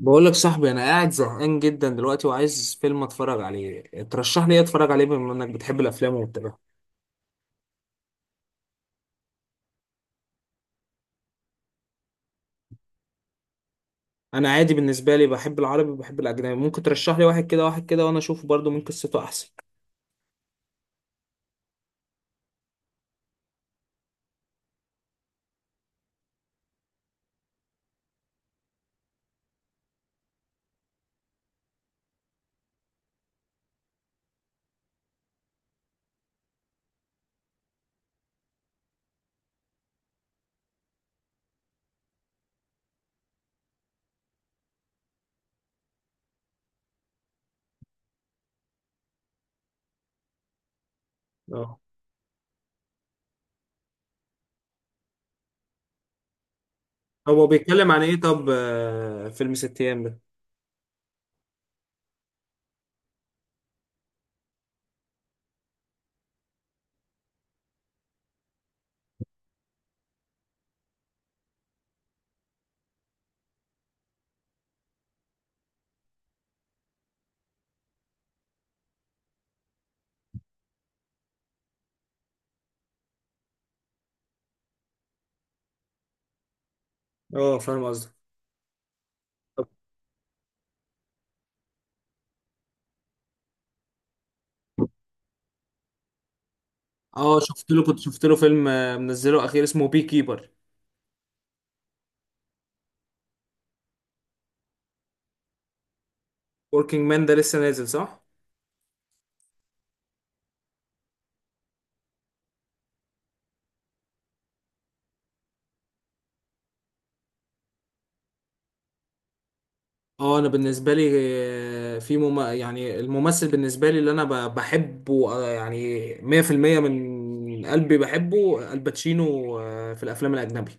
بقول لك صاحبي، انا قاعد زهقان جدا دلوقتي وعايز فيلم اتفرج عليه. ترشح لي ايه اتفرج عليه بما انك بتحب الافلام وبتابعها؟ انا عادي، بالنسبه لي بحب العربي وبحب الاجنبي. ممكن ترشح لي واحد كده واحد كده وانا اشوفه برضو من قصته احسن. اه. طب هو بيتكلم عن ايه؟ طب فيلم ست ايام ده؟ اه، فاهم قصدك. طب. اه، شفت له كنت شفت له فيلم منزله اخير اسمه بي كيبر. وركينج مان ده لسه نازل صح؟ اه. انا بالنسبه لي، يعني الممثل بالنسبه لي اللي انا بحبه، يعني 100% من قلبي بحبه الباتشينو، في الافلام الاجنبي.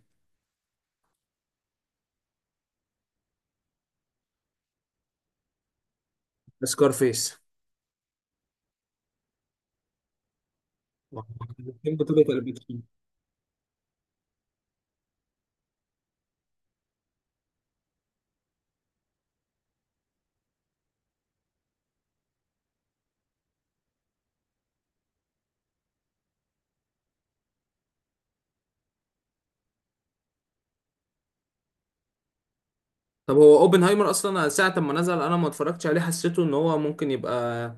سكارفيس. بحب بطولة الباتشينو. طب هو اوبنهايمر اصلا ساعه ما نزل انا ما اتفرجتش عليه. حسيته ان هو ممكن يبقى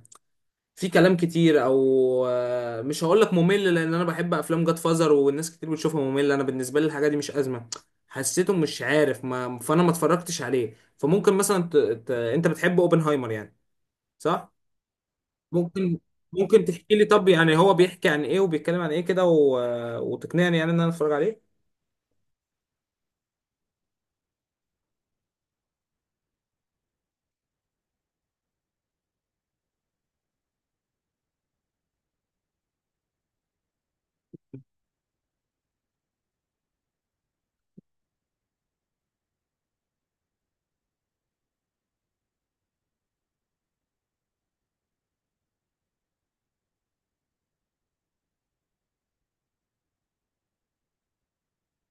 في كلام كتير، او مش هقول لك ممل لان انا بحب افلام جاد فازر والناس كتير بتشوفها ممله. انا بالنسبه لي الحاجه دي مش ازمه. حسيته مش عارف، ما فانا ما اتفرجتش عليه. فممكن مثلا انت بتحب اوبنهايمر يعني صح؟ ممكن. ممكن تحكي لي طب يعني هو بيحكي عن ايه وبيتكلم عن ايه كده وتقنعني يعني ان انا اتفرج عليه.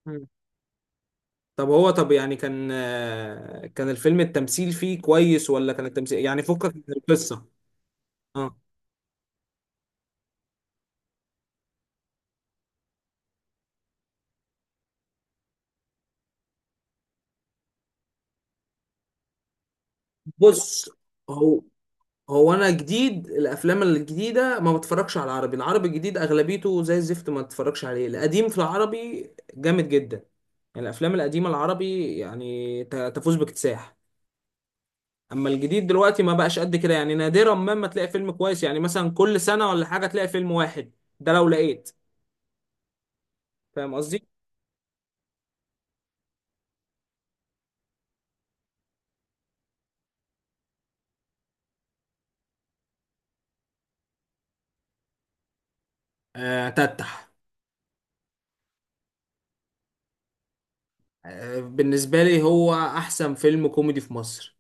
مم. طب هو، طب يعني كان الفيلم التمثيل فيه كويس، ولا كان التمثيل يعني فكك من القصه؟ اه بص هو هو انا جديد الافلام الجديده ما بتفرجش على العربي. العربي الجديد اغلبيته زي الزفت، ما بتفرجش عليه. القديم في العربي جامد جدا. يعني الافلام القديمه العربي يعني تفوز باكتساح. اما الجديد دلوقتي ما بقاش قد كده. يعني نادرا ما تلاقي فيلم كويس، يعني مثلا كل سنه ولا حاجه تلاقي فيلم واحد، ده لو لقيت. فاهم قصدي؟ تتح. بالنسبه لي هو احسن فيلم كوميدي في مصر.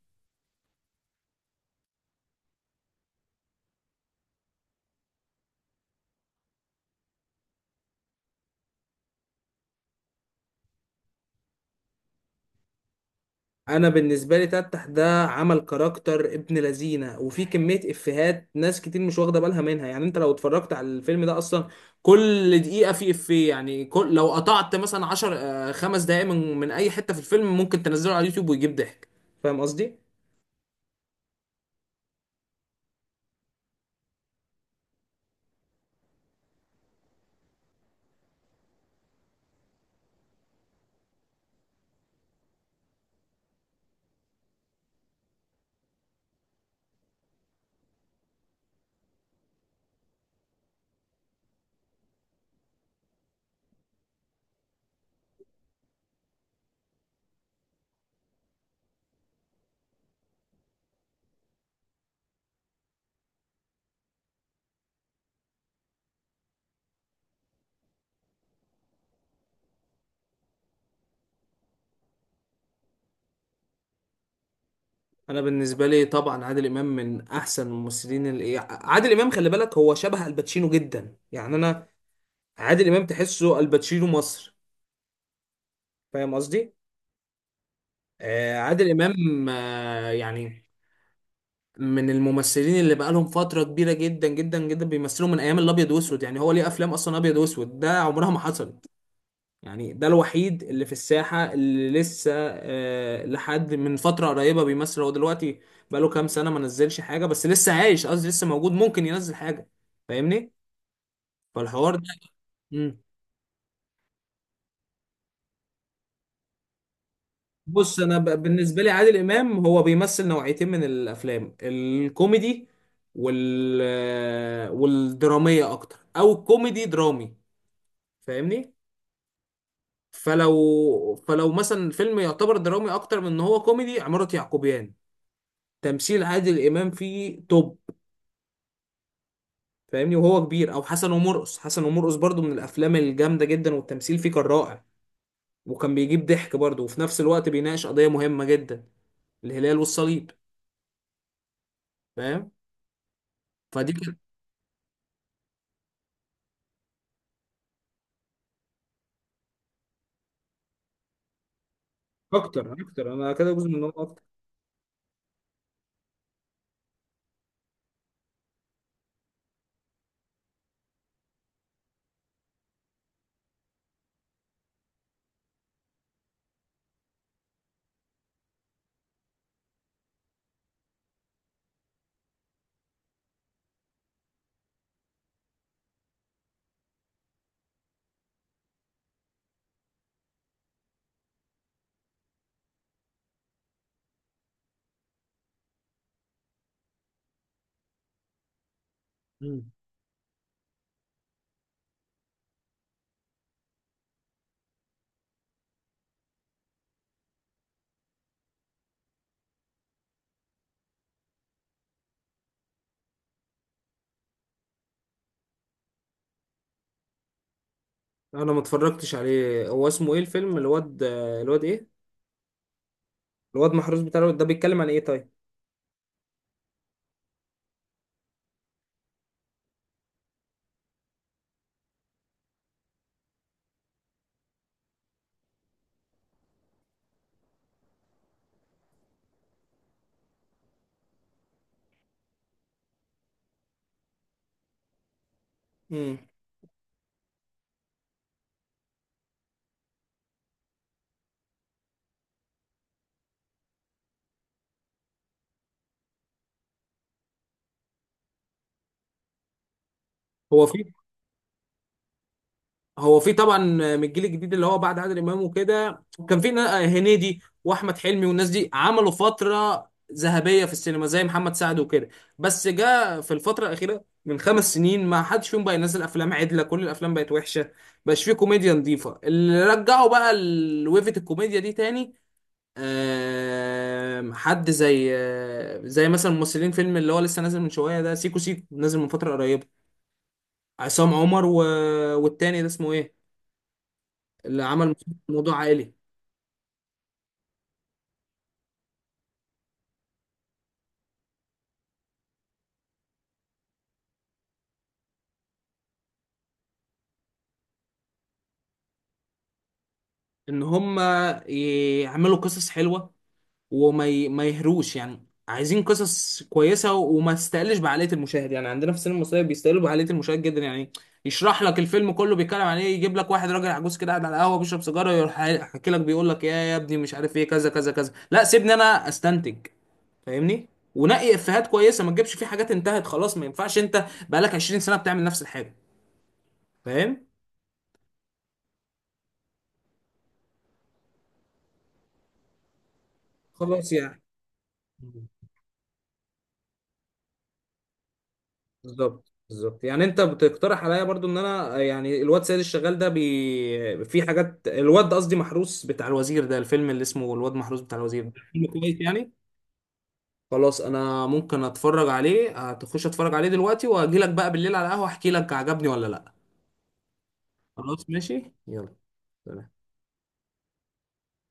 انا بالنسبه لي تفتح ده عمل كاركتر ابن لذينه وفي كميه افيهات ناس كتير مش واخده بالها منها. يعني انت لو اتفرجت على الفيلم ده اصلا كل دقيقه في افيه. يعني كل لو قطعت مثلا 10 خمس دقائق من اي حته في الفيلم ممكن تنزله على اليوتيوب ويجيب ضحك. فاهم قصدي؟ انا بالنسبه لي طبعا عادل امام من احسن الممثلين. اللي عادل امام خلي بالك هو شبه الباتشينو جدا، يعني انا عادل امام تحسه الباتشينو مصر. فاهم قصدي؟ عادل امام يعني من الممثلين اللي بقالهم فترة كبيرة جدا جدا جدا بيمثلوا من أيام الأبيض وأسود. يعني هو ليه أفلام أصلا أبيض وأسود، ده عمرها ما حصلت. يعني ده الوحيد اللي في الساحة اللي لسه لحد من فترة قريبة بيمثل. هو دلوقتي بقاله كام سنة ما نزلش حاجة، بس لسه عايش، قصدي لسه موجود، ممكن ينزل حاجة. فاهمني؟ فالحوار ده. مم. بص، بالنسبة لي عادل إمام هو بيمثل نوعيتين من الأفلام، الكوميدي والدرامية، أكتر أو كوميدي درامي. فاهمني؟ فلو مثلا الفيلم يعتبر درامي اكتر من ان هو كوميدي، عمارة يعقوبيان تمثيل عادل امام فيه توب. فاهمني؟ وهو كبير او حسن ومرقص. حسن ومرقص برضو من الافلام الجامده جدا والتمثيل فيه كان رائع، وكان بيجيب ضحك برضو وفي نفس الوقت بيناقش قضيه مهمه جدا، الهلال والصليب. فاهم؟ فدي كانت. اكتر اكتر انا كده جزء من، هو اكتر. مم. انا ما اتفرجتش عليه. هو اسمه ايه الفيلم؟ الواد ايه؟ الواد محروس بتاع. الواد ده بيتكلم عن ايه طيب؟ امم. هو في هو في طبعا من الجيل الجديد، اللي هو بعد عادل امام وكده كان في هنيدي واحمد حلمي والناس دي عملوا فتره ذهبيه في السينما زي محمد سعد وكده. بس جاء في الفتره الاخيره من خمس سنين ما حدش فيهم بقى ينزل افلام عدله، كل الافلام بقت وحشه. مبقاش فيه كوميديا نظيفه اللي رجعوا بقى ويفة الكوميديا دي تاني. حد زي زي مثلا ممثلين فيلم اللي هو لسه نازل من شويه ده، سيكو سيكو نازل من فتره قريبه. عصام عمر والتاني ده اسمه ايه، اللي عمل موضوع عائلي؟ ان هم يعملوا قصص حلوه ما يهروش، يعني عايزين قصص كويسه وما تستقلش بعقليه المشاهد. يعني عندنا في السينما المصريه بيستقلوا بعقليه المشاهد جدا يعني. يشرح لك الفيلم كله بيتكلم عن ايه، يجيب لك واحد راجل عجوز كده قاعد على القهوه بيشرب سيجاره، يروح حاكي لك بيقول لك يا ابني مش عارف ايه كذا كذا كذا. لا سيبني انا استنتج. فاهمني؟ ونقي افيهات كويسه، ما تجيبش فيه حاجات انتهت خلاص. ما ينفعش انت بقالك 20 سنه بتعمل نفس الحاجه. فاهم؟ خلاص يعني. بالظبط بالظبط، يعني انت بتقترح عليا برضو ان انا يعني الواد سيد الشغال ده في حاجات، الواد قصدي محروس بتاع الوزير ده، الفيلم اللي اسمه الواد محروس بتاع الوزير ده فيلم كويس يعني؟ خلاص انا ممكن اتفرج عليه. هتخش اتفرج عليه دلوقتي واجي لك بقى بالليل على القهوة احكي لك عجبني ولا لا. خلاص ماشي، يلا. سلام.